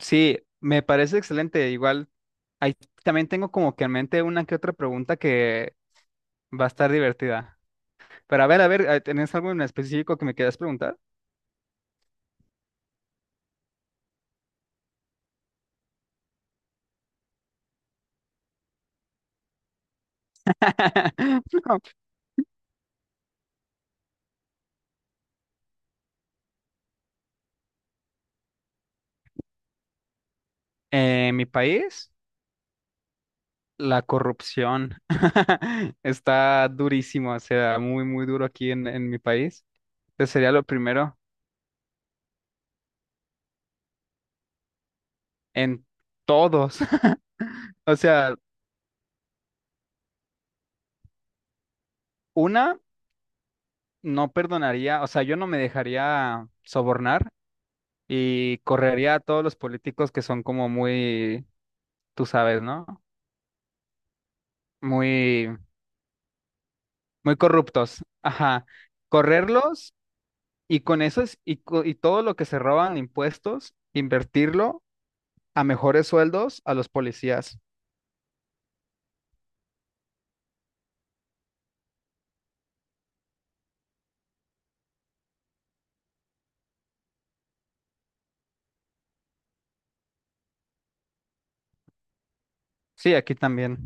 Sí, me parece excelente. Igual, ahí también tengo como que en mente una que otra pregunta que va a estar divertida. Pero a ver, ¿tenés algo en específico que me quieras preguntar? No. En mi país, la corrupción está durísimo, o sea, muy duro aquí en mi país. Este sería lo primero en todos. O sea, una, no perdonaría, o sea, yo no me dejaría sobornar. Y correría a todos los políticos que son como muy, tú sabes, ¿no? Muy, muy corruptos. Ajá. Correrlos y con eso y todo lo que se roban impuestos, invertirlo a mejores sueldos a los policías. Sí, aquí también.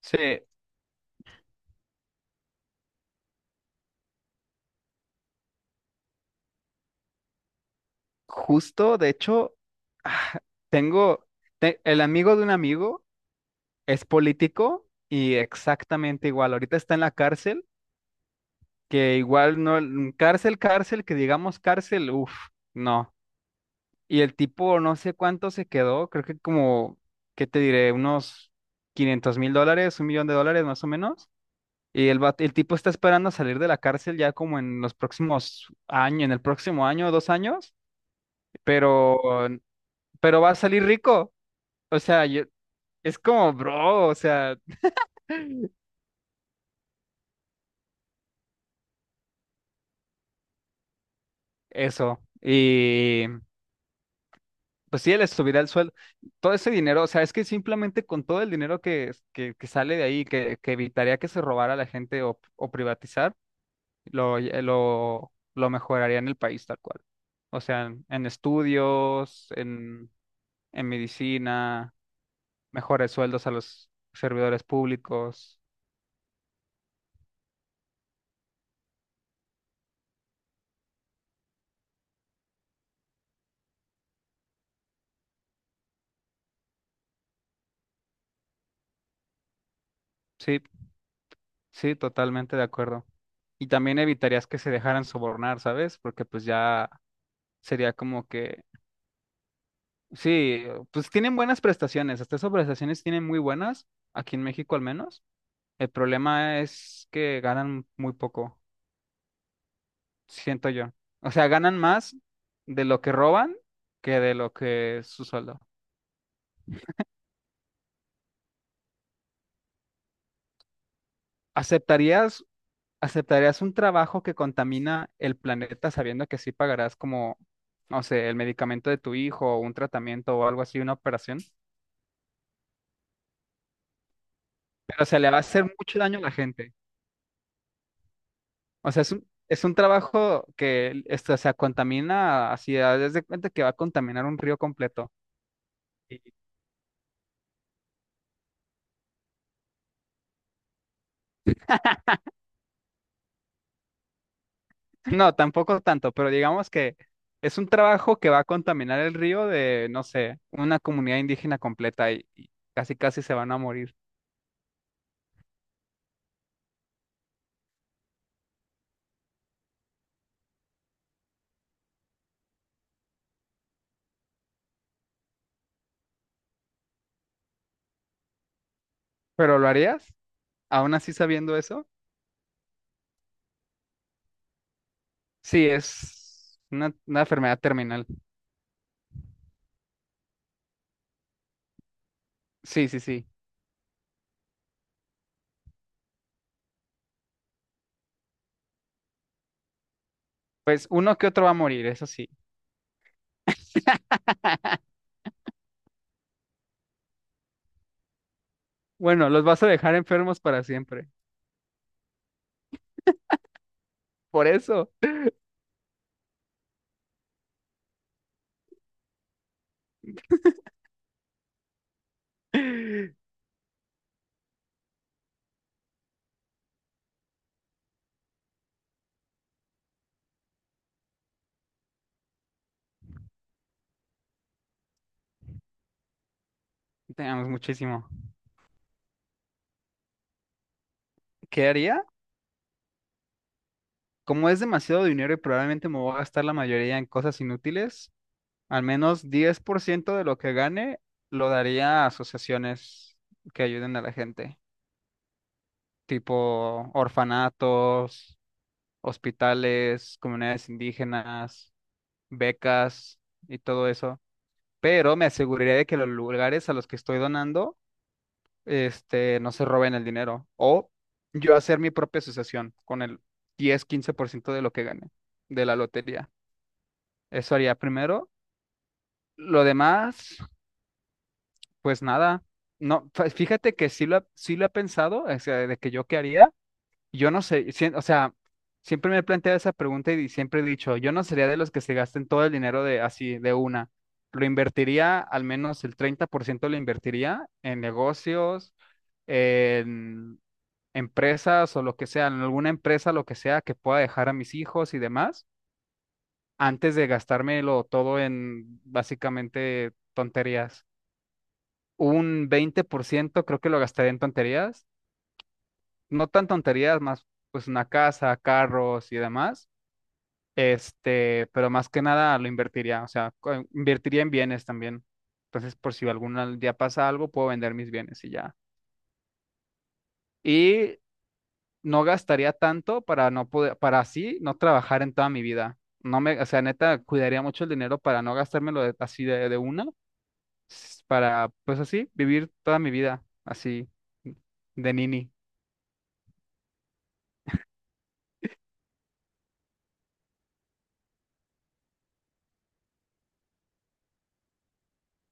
Sí, justo, de hecho, ah, tengo el amigo de un amigo es político y exactamente igual. Ahorita está en la cárcel que igual no, cárcel, cárcel, que digamos cárcel, uff, no. Y el tipo no sé cuánto se quedó, creo que como, ¿qué te diré? Unos $500,000, $1,000,000 más o menos. Y el tipo está esperando salir de la cárcel ya como en los próximos años, en el próximo año, 2 años, pero, pero va a salir rico. O sea, yo, es como, bro, o sea, eso. Pues sí, les subirá el sueldo. Todo ese dinero, o sea, es que simplemente con todo el dinero que sale de ahí, que evitaría que se robara la gente o privatizar, lo mejoraría en el país tal cual. O sea, en estudios, en medicina, mejores sueldos a los servidores públicos. Sí, sí, totalmente de acuerdo. Y también evitarías que se dejaran sobornar, ¿sabes? Porque pues ya sería como que sí, pues tienen buenas prestaciones, hasta esas prestaciones tienen muy buenas, aquí en México al menos. El problema es que ganan muy poco, siento yo. O sea, ganan más de lo que roban que de lo que es su sueldo. ¿Aceptarías, aceptarías un trabajo que contamina el planeta sabiendo que sí pagarás como, no sé, el medicamento de tu hijo o un tratamiento o algo así, una operación? Pero se le va a hacer mucho daño a la gente. O sea, es un trabajo que, esto, o sea, contamina, así, desde de cuenta que va a contaminar un río completo. Y- No, tampoco tanto, pero digamos que es un trabajo que va a contaminar el río de, no sé, una comunidad indígena completa y casi casi se van a morir. ¿Pero lo harías? ¿Aún así sabiendo eso? Sí, es una enfermedad terminal. Sí, sí, sí. Pues uno que otro va a morir, eso sí. Bueno, los vas a dejar enfermos para siempre. Por eso. Te amamos muchísimo. ¿Qué haría? Como es demasiado dinero y probablemente me voy a gastar la mayoría en cosas inútiles, al menos 10% de lo que gane lo daría a asociaciones que ayuden a la gente, tipo orfanatos, hospitales, comunidades indígenas, becas y todo eso. Pero me aseguraría de que los lugares a los que estoy donando, no se roben el dinero. O yo hacer mi propia asociación con el 10-15% de lo que gane de la lotería. Eso haría primero. Lo demás, pues nada. No, fíjate que sí lo he pensado, o sea, de que yo qué haría. Yo no sé, o sea, siempre me he planteado esa pregunta y siempre he dicho, yo no sería de los que se gasten todo el dinero de así, de una. Lo invertiría, al menos el 30% lo invertiría en negocios, en empresas o lo que sea, en alguna empresa, lo que sea que pueda dejar a mis hijos y demás. Antes de gastármelo todo en básicamente tonterías. Un 20% creo que lo gastaría en tonterías, no tan tonterías, más pues una casa, carros y demás. Pero más que nada lo invertiría, o sea, invertiría en bienes también. Entonces, por si algún día pasa algo, puedo vender mis bienes y ya. Y no gastaría tanto para no poder, para así no trabajar en toda mi vida. No me, o sea, neta, cuidaría mucho el dinero para no gastármelo así de una para, pues así, vivir toda mi vida así de nini.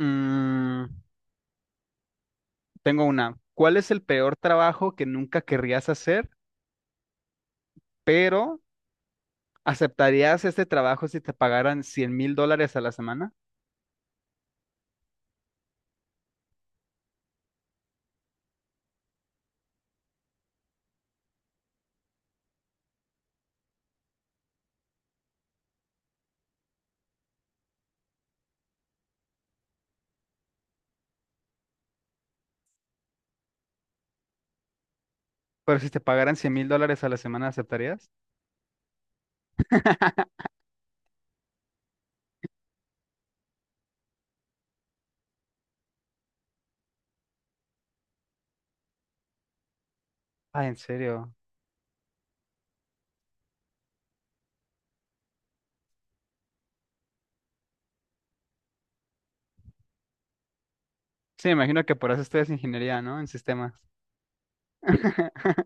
Mm, tengo una. ¿Cuál es el peor trabajo que nunca querrías hacer, pero aceptarías este trabajo si te pagaran $100,000 a la semana? Pero si te pagaran $100,000 a la semana, ¿aceptarías? Ah, ¿en serio? Sí, me imagino que por eso estudias ingeniería, ¿no? En sistemas.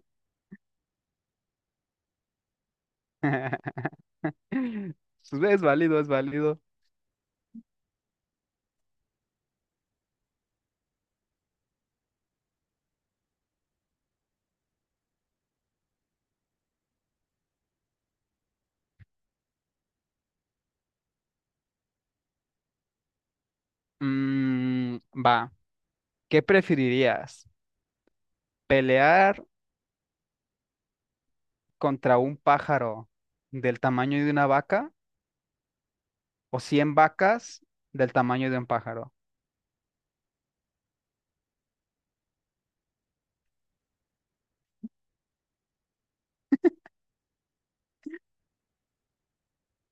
Pues, es válido, es válido. Mm, va, ¿qué preferirías? ¿Pelear contra un pájaro del tamaño de una vaca o 100 vacas del tamaño de un pájaro?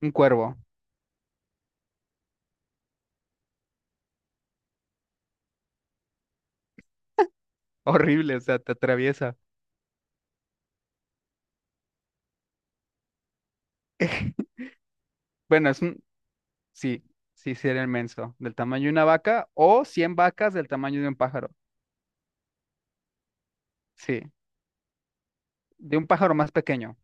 Un cuervo. Horrible, o sea, te atraviesa. Bueno, es un... Sí, sí, sí era inmenso. Del tamaño de una vaca o 100 vacas del tamaño de un pájaro. Sí, de un pájaro más pequeño.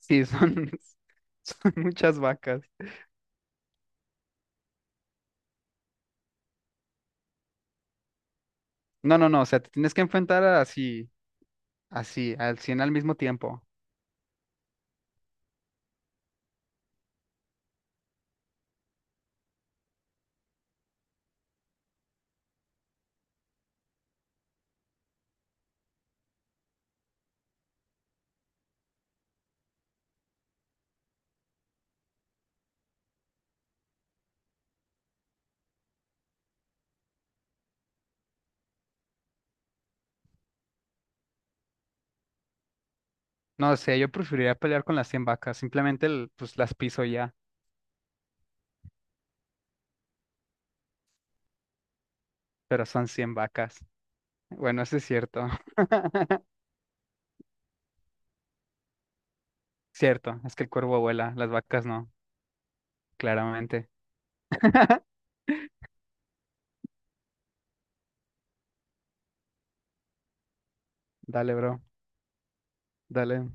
Sí, son, son muchas vacas. No, no, no, o sea, te tienes que enfrentar así, así, al 100 al mismo tiempo. No sé, yo preferiría pelear con las 100 vacas. Simplemente pues las piso ya, pero son 100 vacas. Bueno, eso es cierto. Cierto, es que el cuervo vuela, las vacas no, claramente. Dale, bro, dale.